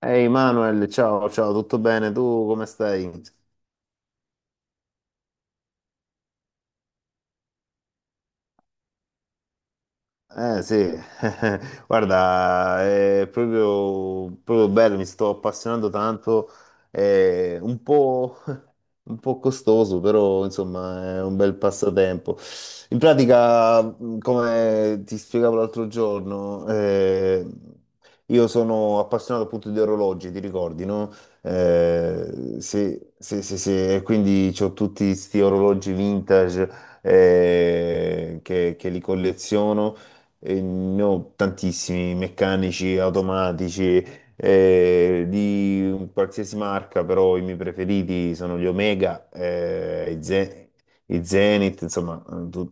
Ehi Manuel, ciao, ciao, tutto bene? Tu come stai? Eh sì, guarda, è proprio bello, mi sto appassionando tanto, eh, un po', Un po' costoso, però insomma è un bel passatempo. In pratica, come ti spiegavo l'altro giorno, io sono appassionato appunto di orologi, ti ricordi, no? Sì, sì, sì, sì, e quindi ho tutti questi orologi vintage che li colleziono. E ne ho tantissimi meccanici, automatici, di qualsiasi marca, però i miei preferiti sono gli Omega, i Zenith, insomma.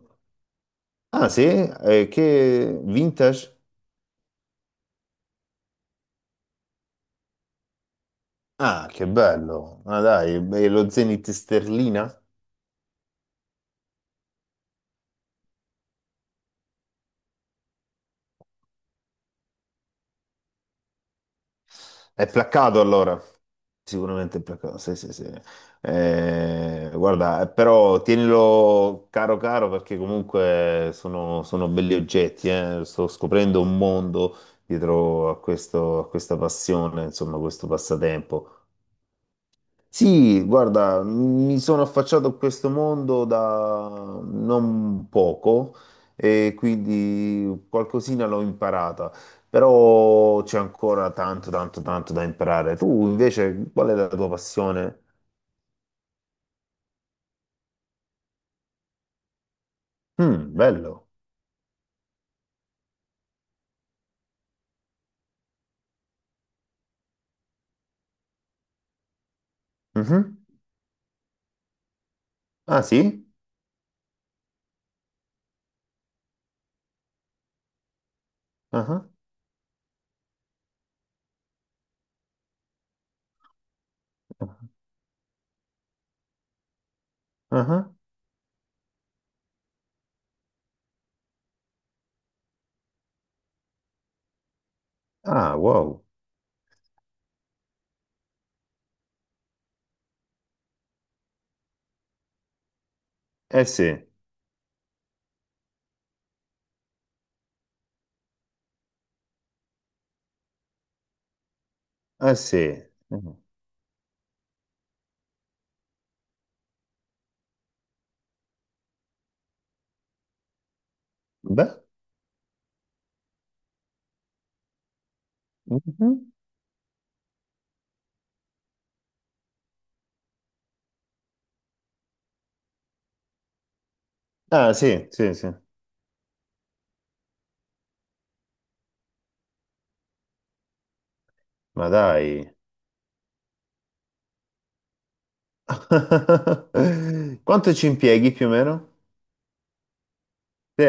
Ah sì? Che vintage? Ah, che bello! Ah dai, e lo Zenith sterlina? È placcato allora. Sicuramente è placcato. Sì, sì, sì. Guarda, però tienilo caro caro perché comunque sono belli oggetti. Sto scoprendo un mondo dietro a a questa passione, insomma, questo passatempo. Sì, guarda, mi sono affacciato a questo mondo da non poco e quindi qualcosina l'ho imparata, però c'è ancora tanto, tanto, tanto da imparare. Tu invece, qual è la tua passione? Mm, bello. Mhm. Ah sì? Ah, ah, ah. Ah, wow. Eh sì, eh sì. Mhm. Beh. Mhm. Ah sì, sì, sì. Ma dai. Quanto ci impieghi più o meno? Sì.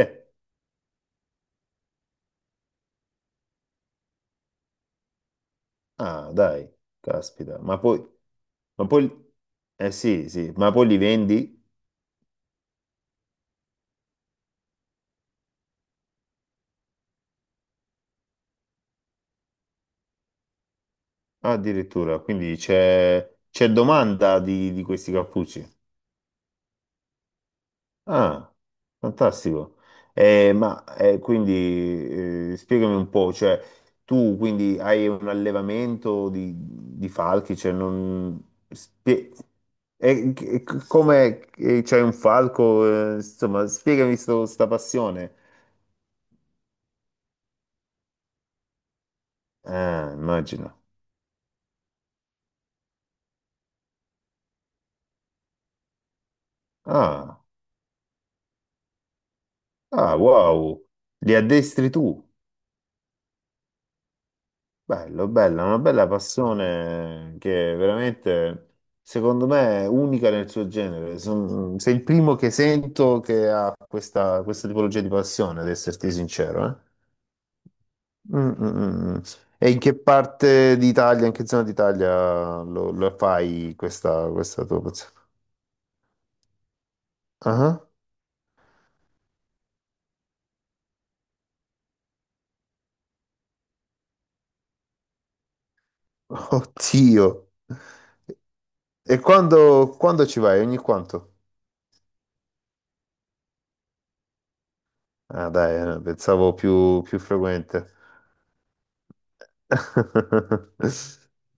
Ah, dai, caspita. Ma poi, eh sì, sì, ma poi li vendi? Ah, addirittura, quindi c'è domanda di questi cappucci. Ah, fantastico. Eh, ma eh, quindi spiegami un po', cioè tu quindi hai un allevamento di falchi, cioè non... spie- come e c'hai un falco, insomma, spiegami sta passione. Ah, immagino. Ah, ah, wow, li addestri tu. Bello, bella, una bella passione che veramente, secondo me, è unica nel suo genere. Sei il primo che sento che ha questa tipologia di passione, ad esserti sincero. Mm, mm, mm, mm. E in che parte d'Italia, in che zona d'Italia lo fai questa tua passione? Ah? Ah. Oddio! E quando ci vai? Ogni quanto? Ah, dai, pensavo più più frequente.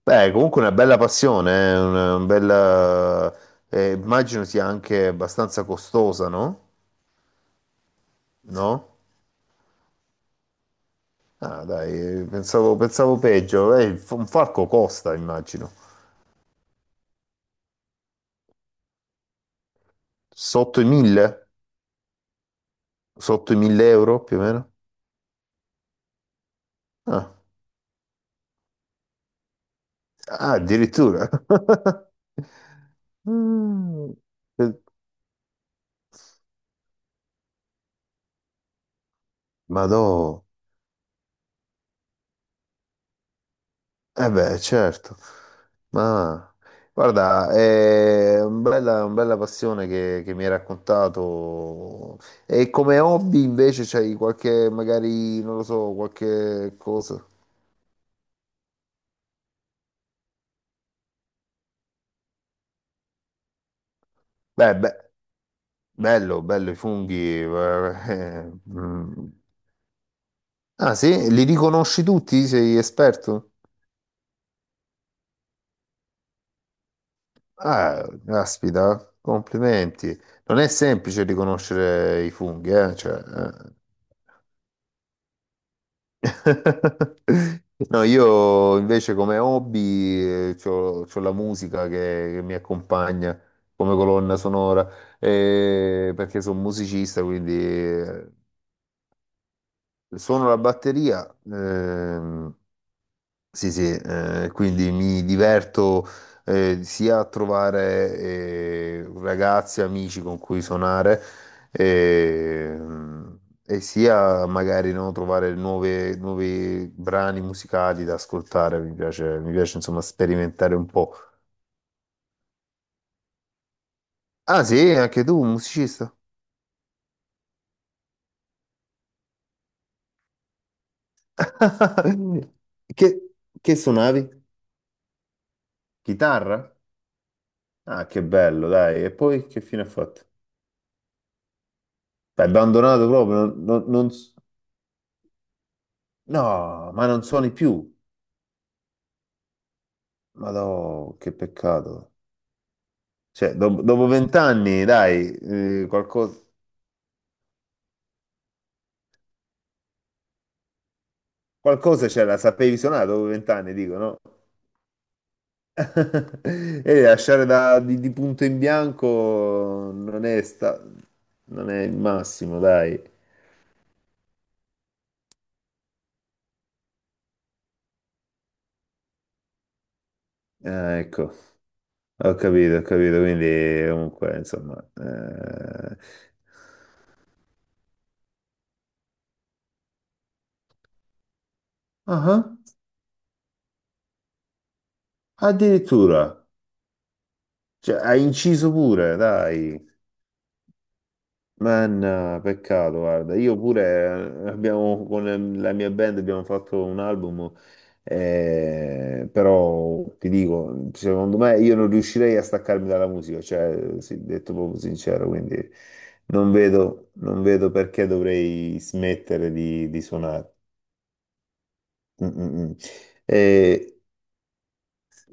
Beh, comunque una bella passione, una bella... immagino sia anche abbastanza costosa, no? No? Ah, dai, pensavo peggio. Il un falco costa, immagino. Sotto i 1000? Sotto i 1000 euro, più o meno? Ah, Ah, addirittura. Mm. Eh, Madò. Eh beh, certo, ma guarda, è un una bella passione che mi hai raccontato. E come hobby invece c'hai qualche, magari, non lo so, qualche cosa? Beh, beh, bello, bello i funghi. Mm. Ah sì? Li riconosci tutti? Sei esperto? Ah, caspita, complimenti. Non è semplice riconoscere i funghi, eh? Cioè. Eh. No, io invece come hobby ho la musica che mi accompagna come colonna sonora, perché sono musicista, quindi, suono la batteria, sì, sì, quindi mi diverto sia a trovare ragazzi, amici con cui suonare, eh, e sia magari no, trovare nuovi brani musicali da ascoltare. Mi piace insomma sperimentare un po'. Ah sì, anche tu, un musicista? Che, che suonavi? Chitarra? Ah, che bello, dai. E poi che fine ha fatto? L'hai abbandonato proprio? No, ma non suoni più. Ma no, che peccato. Cioè, dopo vent'anni, dai, eh, qualcosa, qualcosa c'era, la sapevi suonare dopo vent'anni, dico, no? E lasciare di punto in bianco non è, non è il massimo, dai. Ah, ecco, ho capito, quindi comunque, insomma... ah, addirittura, cioè, hai inciso pure, dai. Ma no, peccato, guarda, io pure abbiamo, con la mia band abbiamo fatto un album, però ti dico, secondo me io non riuscirei a staccarmi dalla musica, cioè, sì, detto proprio sincero, quindi non vedo perché dovrei smettere di suonare. Mm, mm, mm. Eh,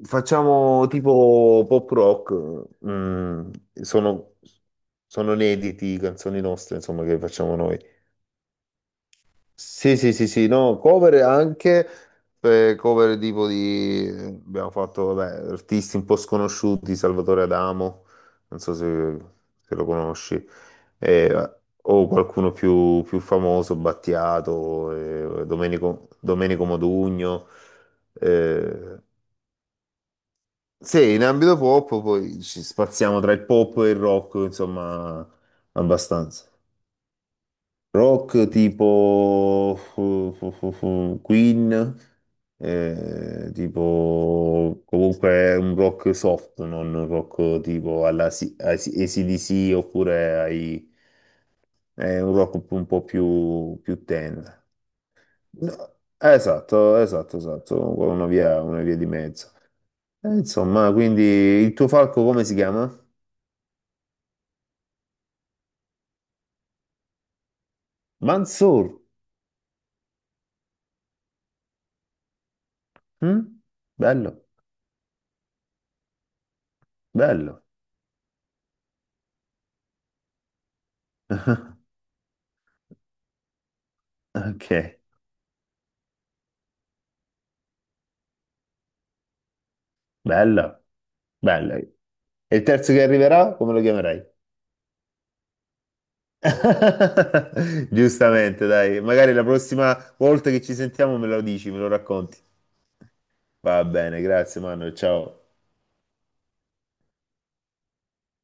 facciamo tipo pop rock, mm, sono, sono inediti canzoni nostre, insomma, che facciamo noi. Sì, sì, sì, sì, no, cover anche, abbiamo fatto, vabbè, artisti un po' sconosciuti, Salvatore Adamo, non so se, se lo conosci, eh, o qualcuno più, più famoso, Battiato, Domenico Modugno, eh, sì, in ambito pop poi ci spaziamo tra il pop e il rock, insomma, abbastanza. Rock tipo Queen, tipo comunque un rock soft, non un rock tipo alla AC/DC oppure ai, è un rock un po' più, più tenero. No, Esatto, esatto, esatto, con una una via di mezzo. Insomma, quindi il tuo falco come si chiama? Mansoor. Mm? Bello, bello. Ok, bello, bello. E il terzo che arriverà, come lo chiamerai? Giustamente, dai, magari la prossima volta che ci sentiamo me lo dici, me lo racconti. Va bene, grazie, Manuel, ciao.